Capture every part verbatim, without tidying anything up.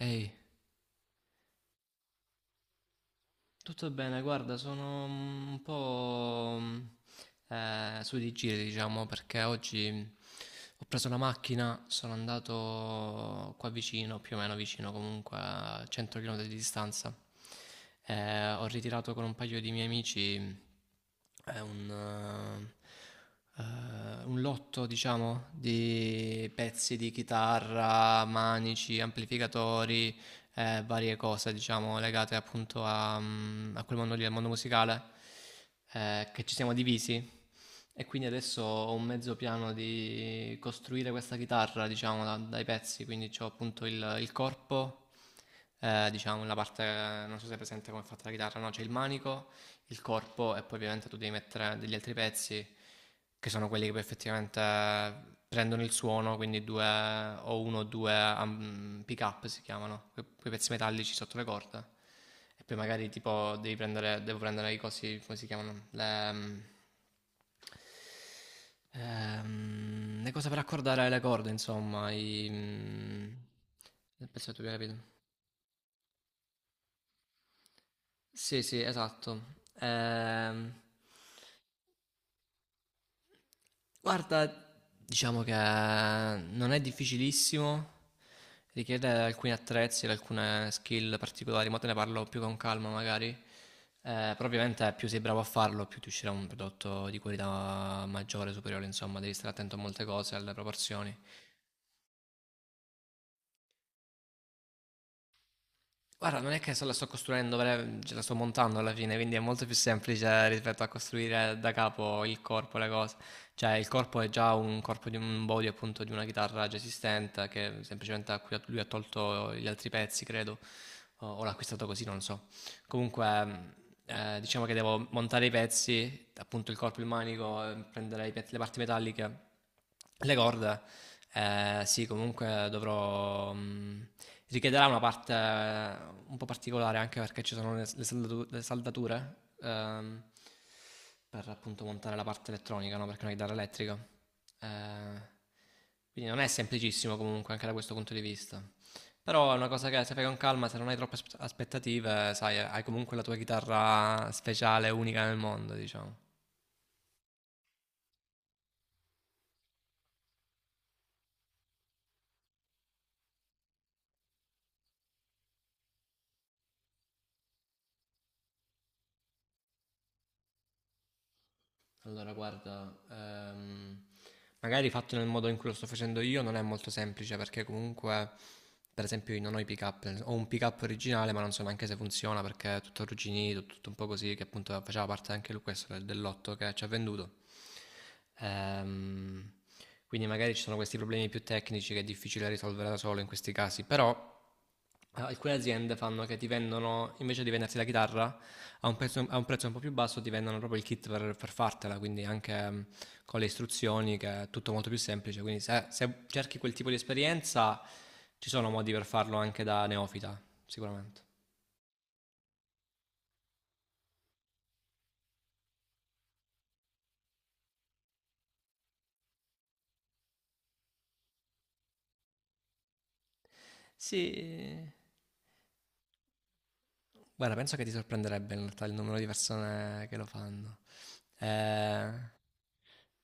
Ehi, tutto bene, guarda, sono mm, un po' mm, eh, su di giri, diciamo, perché oggi mm, ho preso la macchina, sono andato qua vicino, più o meno vicino, comunque a cento chilometri di distanza. Eh, ho ritirato con un paio di miei amici mm, eh, un, eh, eh, un lotto, diciamo, di pezzi di chitarra, manici, amplificatori, eh, varie cose, diciamo, legate appunto a, mm, a quel mondo lì, al mondo musicale, eh, che ci siamo divisi. E quindi adesso ho un mezzo piano di costruire questa chitarra, diciamo, da- dai pezzi. Quindi ho appunto il, il corpo, eh, diciamo la parte, non so se è presente come è fatta la chitarra, no? C'è il manico, il corpo e poi ovviamente tu devi mettere degli altri pezzi che sono quelli che poi effettivamente prendono il suono, quindi due o uno o due um, pick up si chiamano, que- quei pezzi metallici sotto le corde. E poi magari tipo devi prendere, devo prendere i cosi, come si chiamano? Le, um, ehm, le cose per accordare le corde, insomma, i... mm, penso che tu abbia capito. Sì, sì, esatto. Ehm, Guarda, diciamo che non è difficilissimo, richiede alcuni attrezzi, alcune skill particolari, ma te ne parlo più con calma magari. Eh, però ovviamente più sei bravo a farlo, più ti uscirà un prodotto di qualità maggiore, superiore, insomma, devi stare attento a molte cose, alle proporzioni. Guarda, non è che se la sto costruendo, vera- ce la sto montando alla fine, quindi è molto più semplice rispetto a costruire da capo il corpo, le cose. Cioè, il corpo è già un corpo di un body, appunto, di una chitarra già esistente, che semplicemente a cui ha- lui ha tolto gli altri pezzi, credo, o, o l'ha acquistato così, non so. Comunque, mh, eh, diciamo che devo montare i pezzi, appunto il corpo, il manico, eh, prendere i pezzi- le parti metalliche, le corde. Eh, sì, comunque dovrò... mh, Richiederà una parte, eh, un po' particolare anche perché ci sono le, le saldatu- le saldature, ehm, per appunto montare la parte elettronica, no? Perché è una chitarra elettrica. Eh, quindi non è semplicissimo comunque anche da questo punto di vista. Però è una cosa che se fai con calma, se non hai troppe aspe- aspettative, sai, hai comunque la tua chitarra speciale, unica nel mondo, diciamo. Allora, guarda, ehm, magari fatto nel modo in cui lo sto facendo io non è molto semplice perché comunque, per esempio, io non ho i pick-up, ho un pick-up originale ma non so neanche se funziona perché è tutto arrugginito, tutto un po' così, che appunto faceva parte anche lui questo del- dell'otto che ci ha venduto. Ehm, quindi magari ci sono questi problemi più tecnici che è difficile risolvere da solo in questi casi, però, eh, alcune aziende fanno che ti vendono, invece di venderti la chitarra, a un, prezzo, a un prezzo un po' più basso ti vendono proprio il kit per, per fartela, quindi anche, mm, con le istruzioni, che è tutto molto più semplice, quindi se, se cerchi quel tipo di esperienza ci sono modi per farlo anche da neofita, sicuramente. Sì. Guarda, penso che ti sorprenderebbe in realtà il numero di persone che lo fanno. Eh,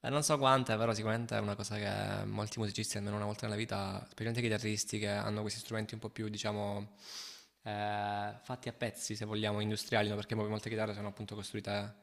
eh, non so quante, però sicuramente è una cosa che molti musicisti, almeno una volta nella vita, specialmente i chitarristi che hanno questi strumenti un po' più, diciamo, eh, fatti a pezzi, se vogliamo, industriali, no? Perché molte chitarre sono appunto costruite in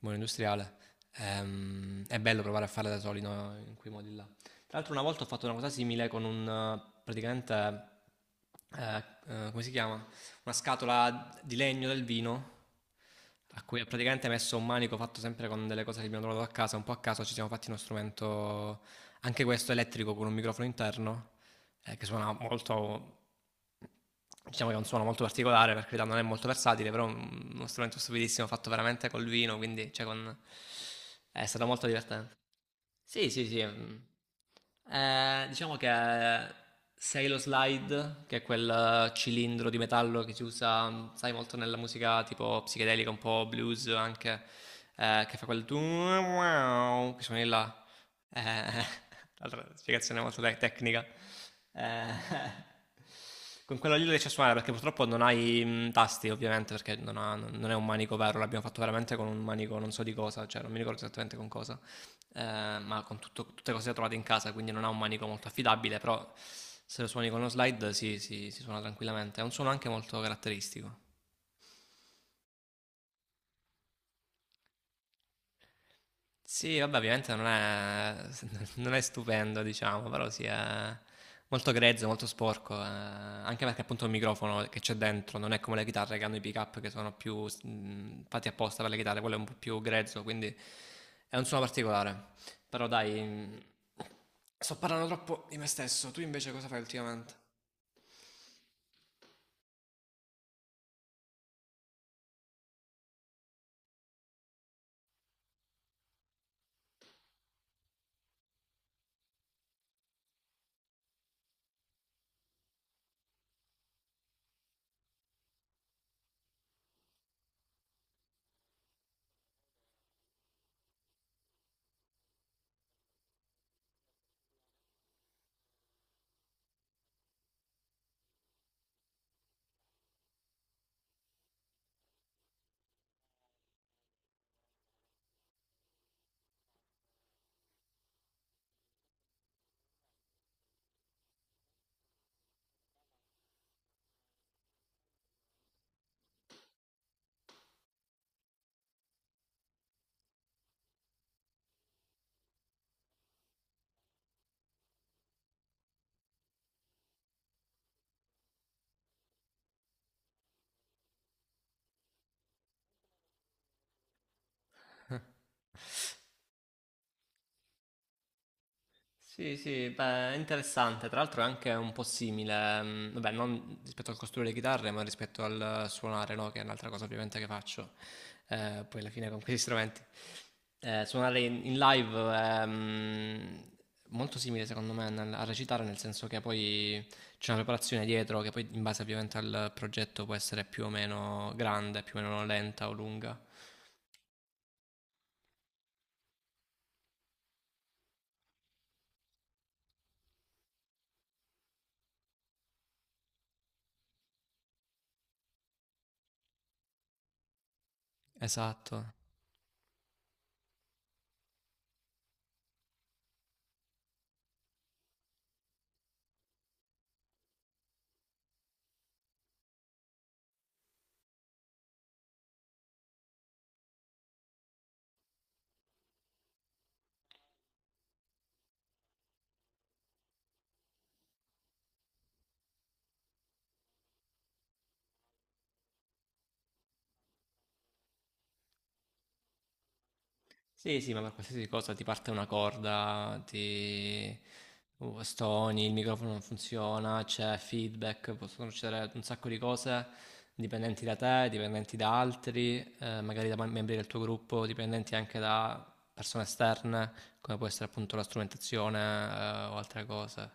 modo industriale. Ehm, è bello provare a farle da soli, no? In quei modi là. Tra l'altro una volta ho fatto una cosa simile con un, eh, praticamente, eh, eh, come si chiama? Una scatola di legno del vino a cui ho praticamente messo un manico fatto sempre con delle cose che abbiamo trovato a casa, un po' a caso ci siamo fatti uno strumento anche questo elettrico con un microfono interno, eh, che suona molto, diciamo che è un suono molto particolare, per carità non è molto versatile, però è un- uno strumento stupidissimo fatto veramente col vino, quindi cioè, con- è stato molto divertente. Sì, sì, sì. Mm. Eh, diciamo che sei lo slide, che è quel, eh, cilindro di metallo che si usa, mm, sai, molto nella musica tipo psichedelica, un po' blues anche, eh, che fa quel tu wow, che suoni là. Eh, L'altra spiegazione molto tec- tecnica. Eh, con quello lì lo riesci a suonare perché purtroppo non hai, mm, tasti, ovviamente, perché non, ha- non è un manico vero, l'abbiamo fatto veramente con un manico non so di cosa, cioè non mi ricordo esattamente con cosa, eh, ma con tutto, tutte cose trovate in casa, quindi non ha un manico molto affidabile, però se lo suoni con lo slide si, si- si suona tranquillamente. È un suono anche molto caratteristico. Sì, vabbè, ovviamente non è, non è stupendo, diciamo, però sì, è molto grezzo, molto sporco, eh, anche perché appunto il microfono che c'è dentro non è come le chitarre che hanno i pick-up, che sono più, mh, fatti apposta per le chitarre, quello è un po' più grezzo, quindi è un suono particolare. Però dai, mh, sto parlando troppo di me stesso, tu invece cosa fai ultimamente? Sì, sì, beh, è interessante. Tra l'altro è anche un po' simile, mm, vabbè, non rispetto al costruire le chitarre, ma rispetto al suonare, no? Che è un'altra cosa ovviamente che faccio. eh, poi alla fine con questi strumenti. Eh, suonare in, in live è, mm, molto simile secondo me nel- a recitare, nel senso che poi c'è una preparazione dietro che poi in base ovviamente al progetto può essere più o meno grande, più o meno lenta o lunga. Esatto. Sì, sì, ma per qualsiasi cosa ti parte una corda, ti, uh, stoni, il microfono non funziona, c'è feedback, possono succedere un sacco di cose dipendenti da te, dipendenti da altri, eh, magari da mem- membri del tuo gruppo, dipendenti anche da persone esterne, come può essere appunto la strumentazione, eh, o altre cose.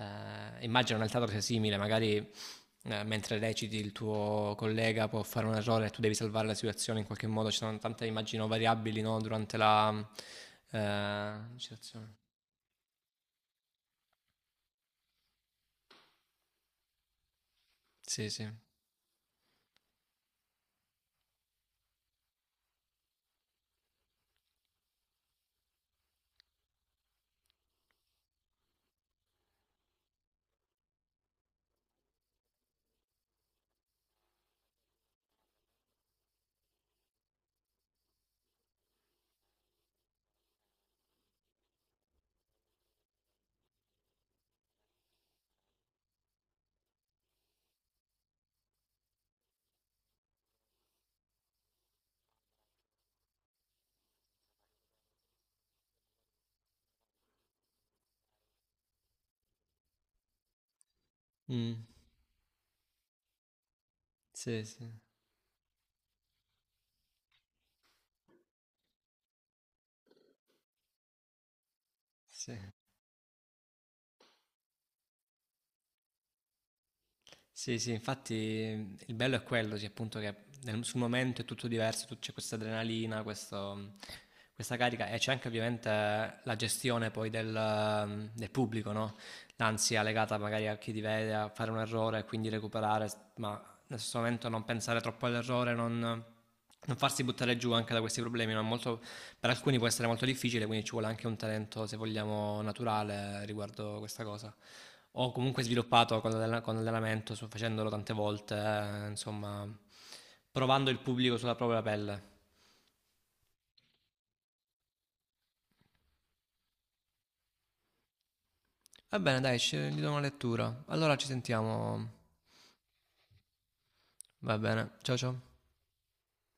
Eh, immagino nel teatro sia simile, magari, eh, mentre reciti il tuo collega può fare un errore e tu devi salvare la situazione in qualche modo, ci sono tante immagino variabili, no, durante la, eh, recitazione. Sì, sì. Mm. Sì, sì, sì. Sì, sì, infatti il bello è quello, sì, appunto che nel- sul momento è tutto diverso, tu- c'è questa adrenalina, questo- questa carica e c'è anche ovviamente la gestione poi del, del pubblico, no? L'ansia legata magari a chi ti vede, a fare un errore e quindi recuperare, ma nel stesso momento non pensare troppo all'errore, non, non farsi buttare giù anche da questi problemi, no? Molto- per alcuni può essere molto difficile, quindi ci vuole anche un talento, se vogliamo, naturale riguardo questa cosa. Ho comunque sviluppato con l'all- con l'allenamento, so- facendolo tante volte, eh, insomma, provando il pubblico sulla propria pelle. Va bene, dai, ci, gli do una lettura. Allora ci sentiamo. Va bene, ciao ciao.